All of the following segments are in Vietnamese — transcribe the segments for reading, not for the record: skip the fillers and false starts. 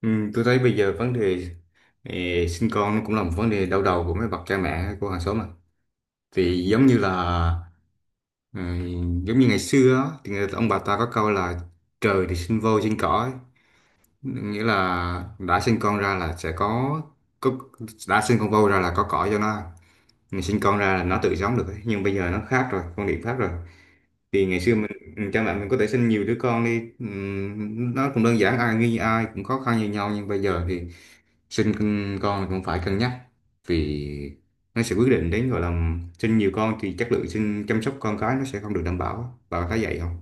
Ừ, tôi thấy bây giờ vấn đề sinh con nó cũng là một vấn đề đau đầu của mấy bậc cha mẹ của hàng xóm mà. Thì giống như là ừ, giống như ngày xưa á, thì ông bà ta có câu là trời thì sinh voi sinh cỏ ấy. Nghĩa là đã sinh con ra là sẽ có, đã sinh con voi ra là có cỏ cho nó ăn. Mình sinh con ra là nó tự sống được ấy. Nhưng bây giờ nó khác rồi, quan điểm khác rồi. Thì ngày xưa mình cha mẹ mình có thể sinh nhiều đứa con đi, nó cũng đơn giản, ai như ai cũng khó khăn như nhau, nhưng bây giờ thì sinh con cũng phải cân nhắc, vì nó sẽ quyết định đến, gọi là sinh nhiều con thì chất lượng sinh chăm sóc con cái nó sẽ không được đảm bảo, bà thấy vậy không?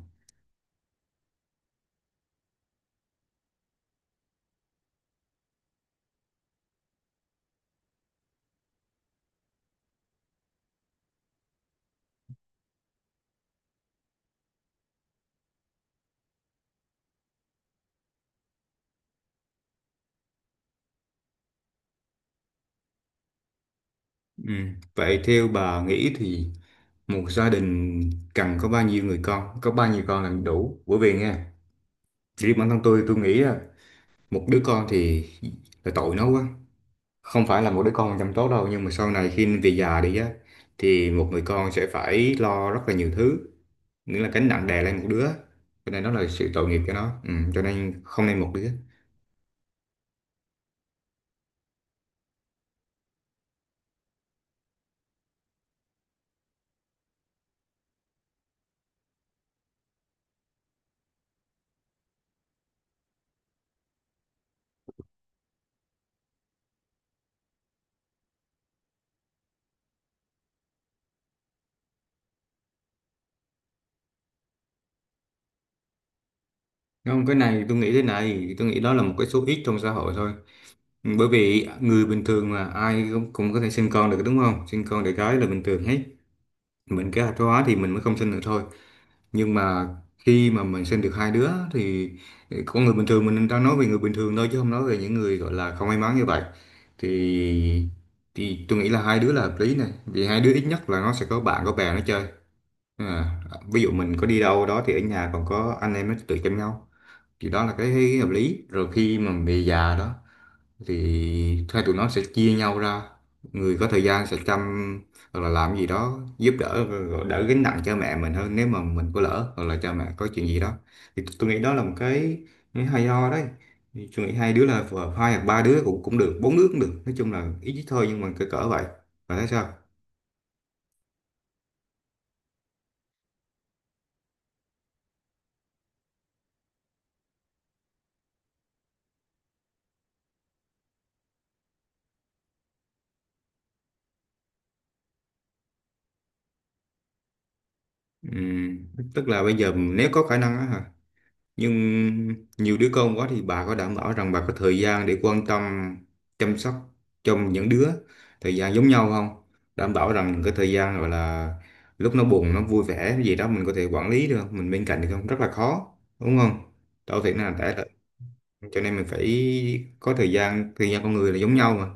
Ừ. Vậy theo bà nghĩ thì một gia đình cần có bao nhiêu người con, có bao nhiêu con là đủ? Bởi vì nghe, riêng bản thân tôi nghĩ là một đứa con thì là tội nó quá, không phải là một đứa con chăm tốt đâu, nhưng mà sau này khi về già đi á, thì một người con sẽ phải lo rất là nhiều thứ, nghĩa là gánh nặng đè lên một đứa, cho nên đó là sự tội nghiệp cho nó, ừ, cho nên không nên một đứa. Không, cái này tôi nghĩ thế này, tôi nghĩ đó là một cái số ít trong xã hội thôi. Ừ, bởi vì người bình thường mà ai cũng có thể sinh con được, đúng không? Sinh con đẻ cái là bình thường hết, mình kế hoạch hóa thì mình mới không sinh được thôi, nhưng mà khi mà mình sinh được hai đứa thì, con người bình thường, mình đang nói về người bình thường thôi chứ không nói về những người gọi là không may mắn như vậy, thì thì tôi nghĩ là hai đứa là hợp lý này, vì hai đứa ít nhất là nó sẽ có bạn có bè nó chơi. à, Ví dụ mình có đi đâu đó thì ở nhà còn có anh em nó tụi chăm nhau, thì đó là cái hợp lý rồi. Khi mà về già đó thì hai tụi nó sẽ chia nhau ra, người có thời gian sẽ chăm hoặc là làm gì đó giúp đỡ, rồi đỡ gánh nặng cho mẹ mình hơn nếu mà mình có lỡ hoặc là cha mẹ có chuyện gì đó, thì tôi nghĩ đó là một cái hay ho đấy. Thì tôi nghĩ hai đứa là hai hoặc ba đứa cũng cũng được, bốn đứa cũng được, nói chung là ít thôi nhưng mà cỡ cỡ vậy, và thấy sao? Ừm, tức là bây giờ nếu có khả năng á hả, nhưng nhiều đứa con quá thì bà có đảm bảo rằng bà có thời gian để quan tâm chăm sóc cho những đứa thời gian giống nhau không, đảm bảo rằng cái thời gian gọi là lúc nó buồn nó vui vẻ cái gì đó mình có thể quản lý được không, mình bên cạnh được không? Rất là khó, đúng không? Đâu thể nào để được, cho nên mình phải có thời gian, thời gian con người là giống nhau mà,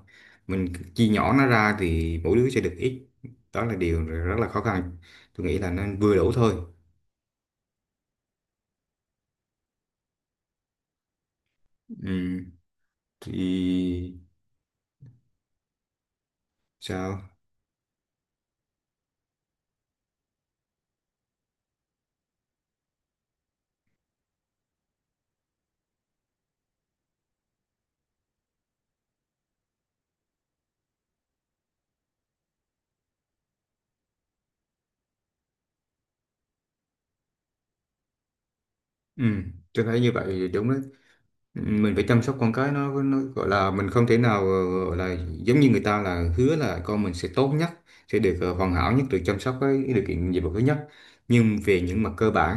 mình chia nhỏ nó ra thì mỗi đứa sẽ được ít, đó là điều rất là khó khăn. Tôi nghĩ là nên vừa đủ thôi. Ừ. Thì sao? Ừ, tôi thấy như vậy thì đúng đấy. Ừ, mình phải chăm sóc con cái nó gọi là mình không thể nào gọi là giống như người ta là hứa là con mình sẽ tốt nhất, sẽ được hoàn hảo nhất, được chăm sóc với điều kiện gì thứ nhất. Nhưng về những mặt cơ bản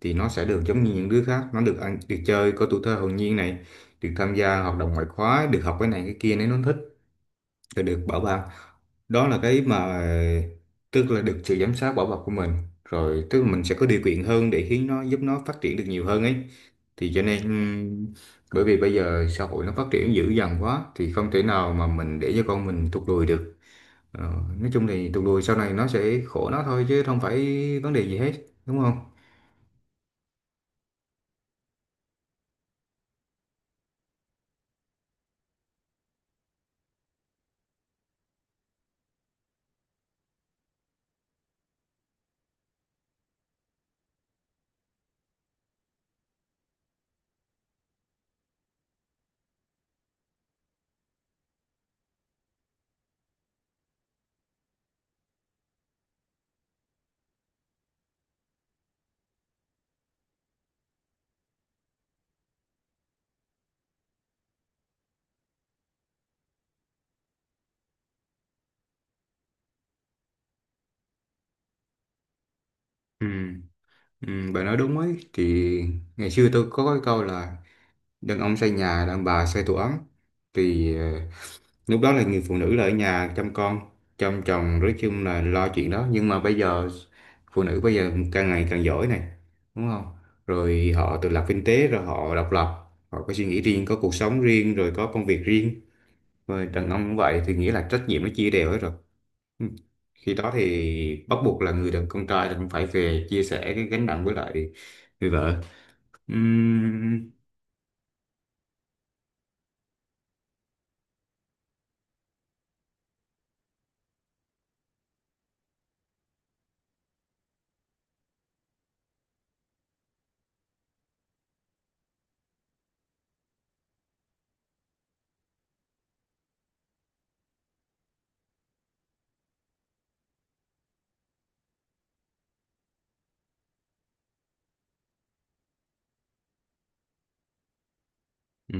thì nó sẽ được giống như những đứa khác, nó được ăn, được chơi, có tuổi thơ hồn nhiên này, được tham gia hoạt động ngoại khóa, được học cái này cái kia nếu nó thích, là được bảo ban. Đó là cái mà, tức là được sự giám sát bảo bọc của mình, rồi tức là mình sẽ có điều kiện hơn để khiến nó, giúp nó phát triển được nhiều hơn ấy, thì cho nên bởi vì bây giờ xã hội nó phát triển dữ dằn quá thì không thể nào mà mình để cho con mình tụt lùi được. Ờ, nói chung thì tụt lùi sau này nó sẽ khổ nó thôi chứ không phải vấn đề gì hết, đúng không? ừ, ừ, bà nói đúng ấy. Thì ngày xưa tôi có cái câu là đàn ông xây nhà, đàn bà xây tổ ấm, thì lúc đó là người phụ nữ là ở nhà chăm con chăm chồng, nói chung là lo chuyện đó, nhưng mà bây giờ phụ nữ bây giờ càng ngày càng giỏi này, đúng không? Rồi họ tự lập kinh tế, rồi họ độc lập, họ có suy nghĩ riêng, có cuộc sống riêng, rồi có công việc riêng, rồi đàn ông cũng vậy, thì nghĩa là trách nhiệm nó chia đều hết rồi. Ừ. Khi đó thì bắt buộc là người con trai là cũng phải về chia sẻ cái gánh nặng với lại người vợ. Ừm. Ừ.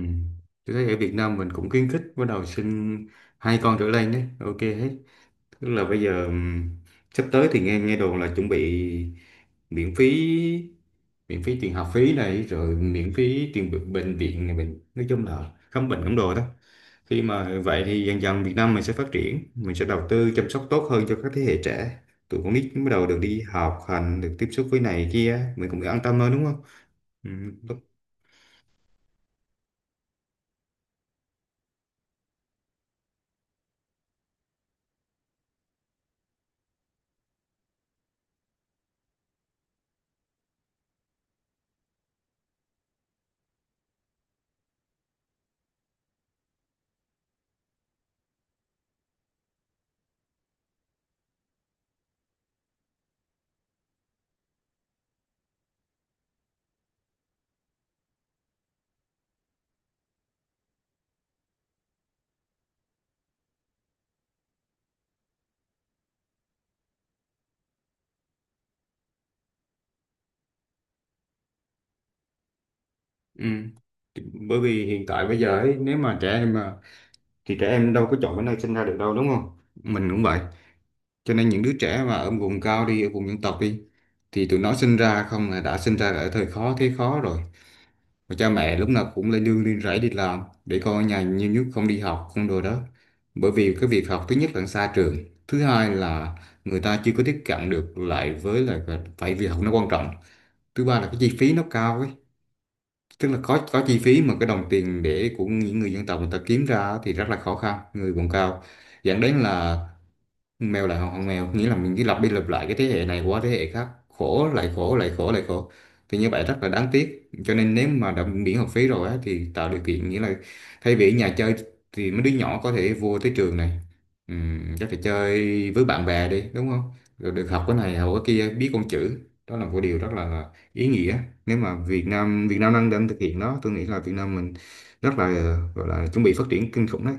Tôi thấy ở Việt Nam mình cũng khuyến khích bắt đầu sinh hai con trở lên đấy, ok hết. Tức là bây giờ sắp tới thì nghe nghe đồn là chuẩn bị miễn phí, miễn phí tiền học phí này, rồi miễn phí tiền bệnh bệnh viện này, mình nói chung là khám bệnh khám đồ đó. Khi mà vậy thì dần dần Việt Nam mình sẽ phát triển, mình sẽ đầu tư chăm sóc tốt hơn cho các thế hệ trẻ. Tụi con nít bắt đầu được đi học hành, được tiếp xúc với này kia, mình cũng an tâm hơn, đúng không? Ừ. Ừ. Bởi vì hiện tại bây giờ ấy, nếu mà trẻ em mà, thì trẻ em đâu có chọn cái nơi sinh ra được đâu, đúng không? Mình cũng vậy. Cho nên những đứa trẻ mà ở vùng cao đi, ở vùng dân tộc đi, thì tụi nó sinh ra không là đã sinh ra ở thời khó thế khó rồi. Và cha mẹ lúc nào cũng lên nương lên rẫy đi làm, để con ở nhà nhiều nhất, không đi học không đồ đó. Bởi vì cái việc học, thứ nhất là xa trường, thứ hai là người ta chưa có tiếp cận được, lại với lại phải việc học nó quan trọng. Thứ ba là cái chi phí nó cao ấy, tức là có chi phí, mà cái đồng tiền để của những người dân tộc người ta kiếm ra thì rất là khó khăn, người vùng cao, dẫn đến là mèo lại hoàng mèo, nghĩa là mình cứ lặp đi lặp lại cái thế hệ này qua thế hệ khác, khổ lại khổ lại khổ lại khổ, thì như vậy rất là đáng tiếc. Cho nên nếu mà đã miễn học phí rồi á, thì tạo điều kiện, nghĩa là thay vì ở nhà chơi thì mấy đứa nhỏ có thể vô tới trường này, ừm, có thể chơi với bạn bè đi, đúng không? Rồi được học cái này học cái kia, biết con chữ, đó là một điều rất là ý nghĩa. Nếu mà Việt Nam đang đang thực hiện nó, tôi nghĩ là Việt Nam mình rất là, gọi là chuẩn bị phát triển kinh khủng đấy.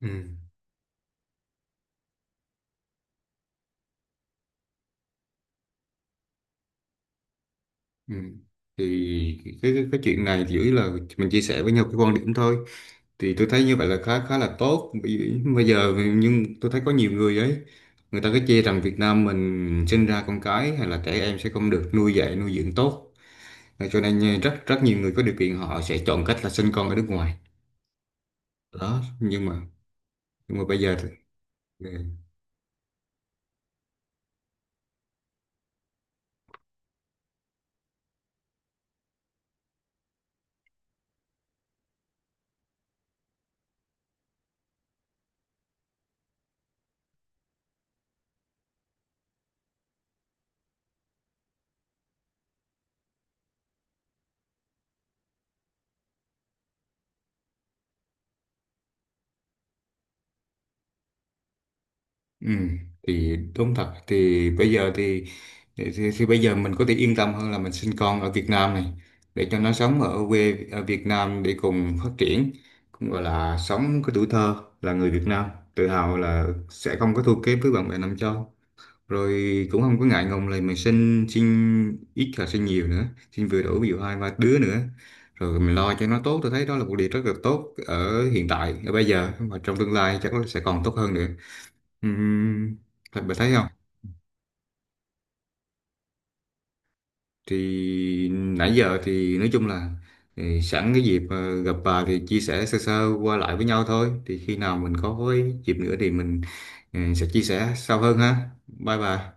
Ừ. Ừ. Thì cái chuyện này thì chủ yếu là mình chia sẻ với nhau cái quan điểm thôi, thì tôi thấy như vậy là khá khá là tốt. Bởi bây giờ nhưng tôi thấy có nhiều người ấy, người ta cứ chê rằng Việt Nam mình sinh ra con cái hay là trẻ em sẽ không được nuôi dạy nuôi dưỡng tốt. Và cho nên nha, rất rất nhiều người có điều kiện họ sẽ chọn cách là sinh con ở nước ngoài đó, nhưng mà, nhưng mà bây giờ thì- Ừ, thì đúng thật, thì bây giờ thì, thì bây giờ mình có thể yên tâm hơn là mình sinh con ở Việt Nam này, để cho nó sống ở quê ở Việt Nam để cùng phát triển, cũng gọi là sống cái tuổi thơ, là người Việt Nam tự hào là sẽ không có thua kém với bạn bè nam châu, rồi cũng không có ngại ngùng là mình sinh sinh ít là sinh nhiều nữa, sinh vừa đủ ví dụ hai ba đứa nữa, rồi mình lo cho nó tốt, tôi thấy đó là một điều rất là tốt ở hiện tại ở bây giờ, mà trong tương lai chắc nó sẽ còn tốt hơn nữa. Ừm, thật bà thấy không? Thì nãy giờ thì nói chung là, thì sẵn cái dịp gặp bà thì chia sẻ sơ sơ qua lại với nhau thôi, thì khi nào mình có cái dịp nữa thì mình, ừ, sẽ chia sẻ sâu hơn ha, bye bà.